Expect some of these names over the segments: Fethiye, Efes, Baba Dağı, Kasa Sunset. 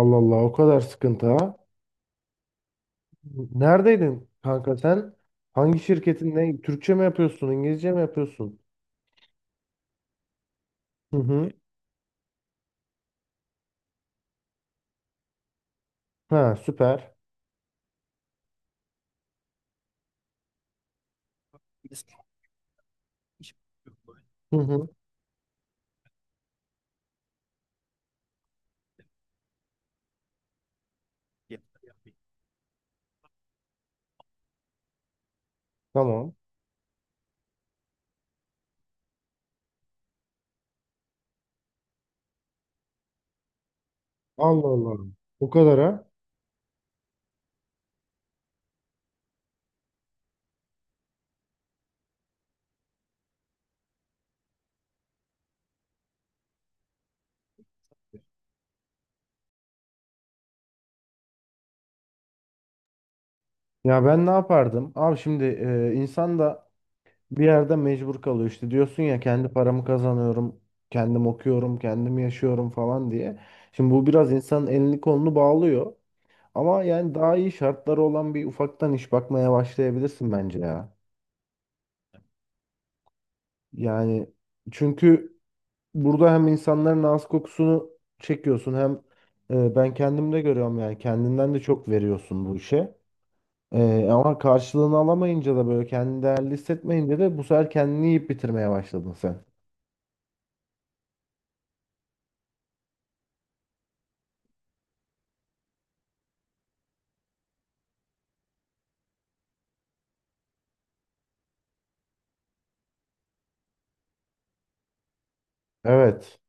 Allah Allah o kadar sıkıntı ha. Neredeydin kanka sen? Hangi şirketin ne? Türkçe mi yapıyorsun? İngilizce mi yapıyorsun? Hı hı. Ha süper. Hı hı. Tamam. Allah Allah. O kadar ha. Ya ben ne yapardım? Abi şimdi, insan da bir yerde mecbur kalıyor işte. Diyorsun ya kendi paramı kazanıyorum. Kendim okuyorum. Kendim yaşıyorum falan diye. Şimdi bu biraz insanın elini kolunu bağlıyor. Ama yani daha iyi şartları olan bir ufaktan iş bakmaya başlayabilirsin bence ya. Yani çünkü burada hem insanların ağız kokusunu çekiyorsun hem, ben kendim de görüyorum yani kendinden de çok veriyorsun bu işe. Ama karşılığını alamayınca da böyle kendini değerli hissetmeyince de bu sefer kendini yiyip bitirmeye başladın sen. Evet.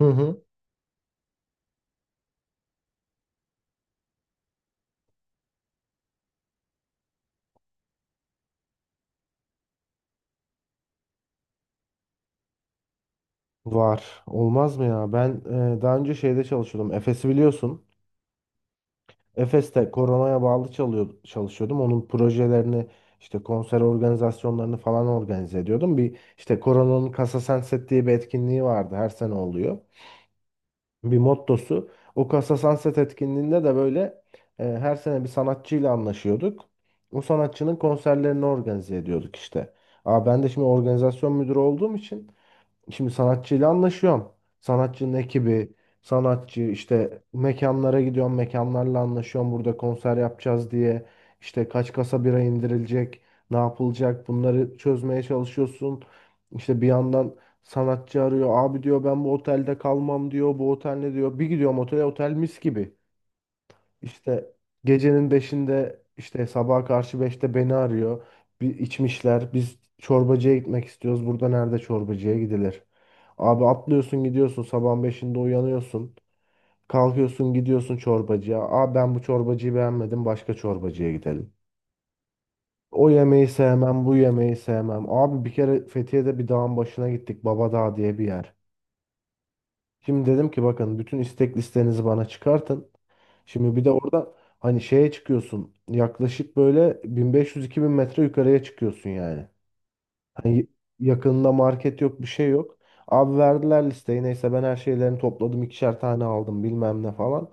Hı hı. Var. Olmaz mı ya? Ben daha önce şeyde çalışıyordum. Efes'i biliyorsun. Efes'te koronaya bağlı çalışıyordum. Onun projelerini işte konser organizasyonlarını falan organize ediyordum. Bir işte koronanın Kasa Sunset diye bir etkinliği vardı. Her sene oluyor. Bir mottosu. O Kasa Sunset etkinliğinde de böyle, her sene bir sanatçıyla anlaşıyorduk. O sanatçının konserlerini organize ediyorduk işte. Aa, ben de şimdi organizasyon müdürü olduğum için şimdi sanatçıyla anlaşıyorum. Sanatçının ekibi, sanatçı işte mekanlara gidiyorum, mekanlarla anlaşıyorum. Burada konser yapacağız diye işte kaç kasa bira indirilecek, ne yapılacak bunları çözmeye çalışıyorsun. İşte bir yandan sanatçı arıyor. Abi diyor ben bu otelde kalmam diyor. Bu otel ne diyor? Bir gidiyorum otele, otel mis gibi. İşte gecenin beşinde, işte sabaha karşı beşte beni arıyor. Bir içmişler. Biz çorbacıya gitmek istiyoruz. Burada nerede çorbacıya gidilir? Abi atlıyorsun gidiyorsun sabahın beşinde uyanıyorsun. Kalkıyorsun gidiyorsun çorbacıya. Aa, ben bu çorbacıyı beğenmedim, başka çorbacıya gidelim. O yemeği sevmem, bu yemeği sevmem. Abi bir kere Fethiye'de bir dağın başına gittik. Baba Dağı diye bir yer. Şimdi dedim ki bakın bütün istek listenizi bana çıkartın. Şimdi bir de orada hani şeye çıkıyorsun. Yaklaşık böyle 1500-2000 metre yukarıya çıkıyorsun yani. Hani yakınında market yok, bir şey yok. Abi verdiler listeyi. Neyse ben her şeylerini topladım. İkişer tane aldım bilmem ne falan.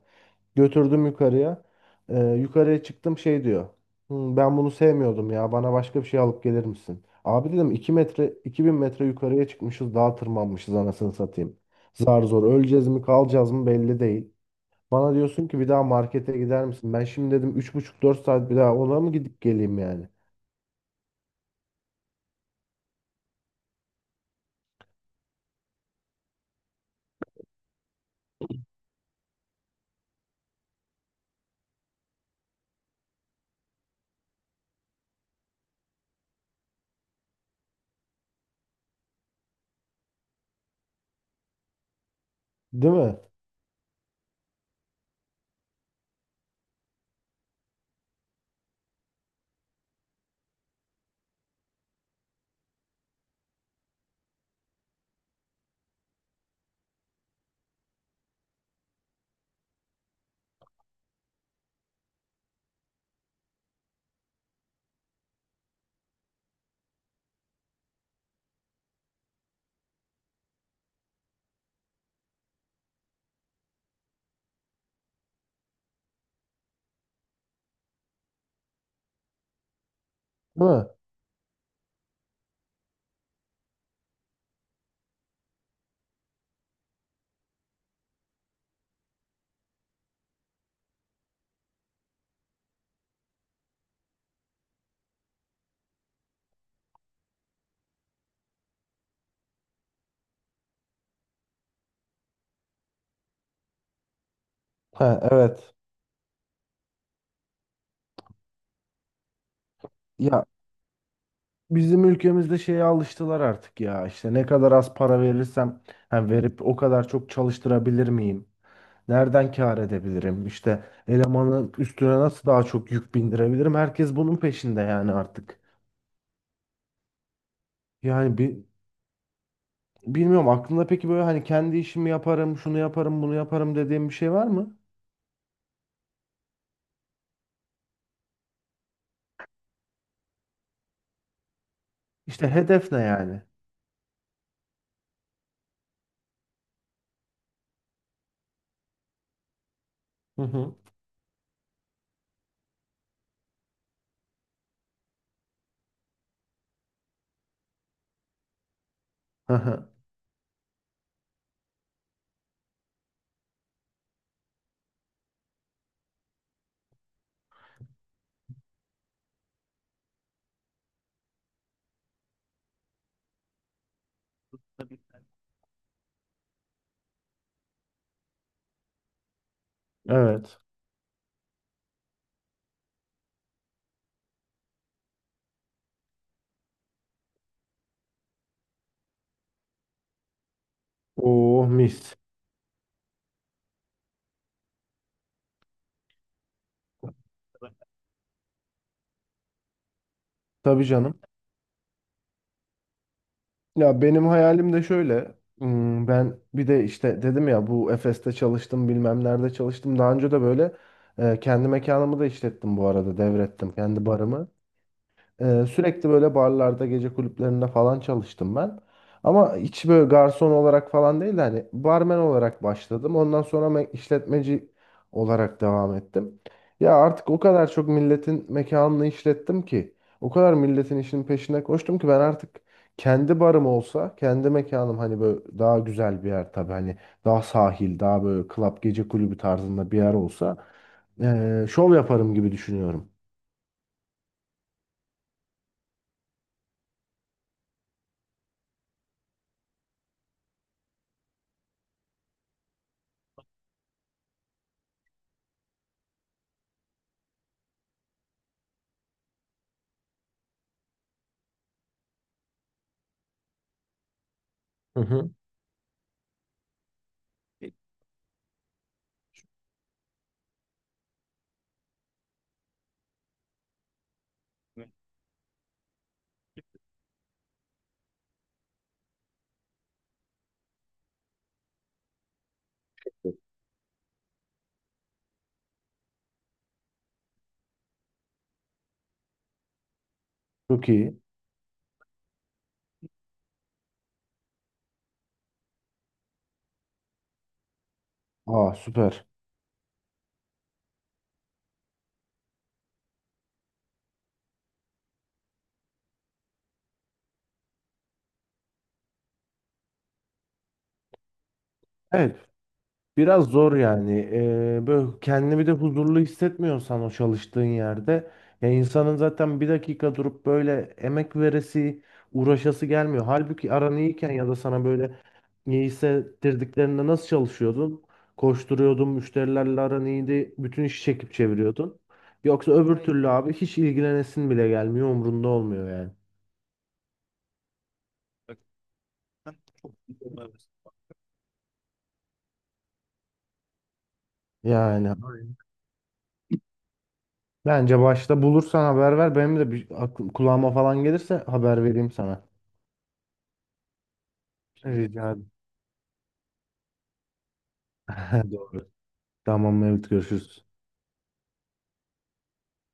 Götürdüm yukarıya. Yukarıya çıktım şey diyor. "Hmm, ben bunu sevmiyordum ya. Bana başka bir şey alıp gelir misin?" Abi dedim 2 metre 2000 metre yukarıya çıkmışız. Dağa tırmanmışız anasını satayım. Zar zor öleceğiz mi kalacağız mı belli değil. Bana diyorsun ki bir daha markete gider misin? Ben şimdi dedim üç buçuk dört saat bir daha ona mı gidip geleyim yani? Değil mi? Değil mi? Ha, evet. Ya bizim ülkemizde şeye alıştılar artık ya. İşte ne kadar az para verirsem, ha, verip o kadar çok çalıştırabilir miyim? Nereden kâr edebilirim? İşte elemanın üstüne nasıl daha çok yük bindirebilirim? Herkes bunun peşinde yani artık. Yani bir bilmiyorum, aklında peki böyle hani kendi işimi yaparım, şunu yaparım, bunu yaparım dediğim bir şey var mı? İşte hedef ne yani? Hı hı. Aha, evet. Oh mis. Tabii canım. Ya benim hayalim de şöyle. Hmm, ben bir de işte dedim ya, bu Efes'te çalıştım bilmem nerede çalıştım. Daha önce de böyle, kendi mekanımı da işlettim, bu arada devrettim kendi barımı. Sürekli böyle barlarda, gece kulüplerinde falan çalıştım ben. Ama hiç böyle garson olarak falan değil de hani barmen olarak başladım. Ondan sonra işletmeci olarak devam ettim. Ya artık o kadar çok milletin mekanını işlettim ki, o kadar milletin işinin peşine koştum ki, ben artık kendi barım olsa, kendi mekanım hani böyle daha güzel bir yer, tabii hani daha sahil, daha böyle club gece kulübü tarzında bir yer olsa, şov yaparım gibi düşünüyorum. Hı hı. Çok iyi. Aa süper. Evet, biraz zor yani. Böyle kendini bir de huzurlu hissetmiyorsan o çalıştığın yerde, ya insanın zaten bir dakika durup böyle emek veresi, uğraşası gelmiyor. Halbuki aran iyiyken ya da sana böyle iyi hissettirdiklerinde nasıl çalışıyordun? Koşturuyordun, müşterilerle aran iyiydi, bütün işi çekip çeviriyordun. Yoksa öbür türlü abi hiç ilgilenesin bile gelmiyor, umrunda olmuyor yani. Yani, bence başta bulursan haber ver. Benim de bir aklım, kulağıma falan gelirse haber vereyim sana. Rica ederim. Doğru. Tamam, evet, görüşürüz.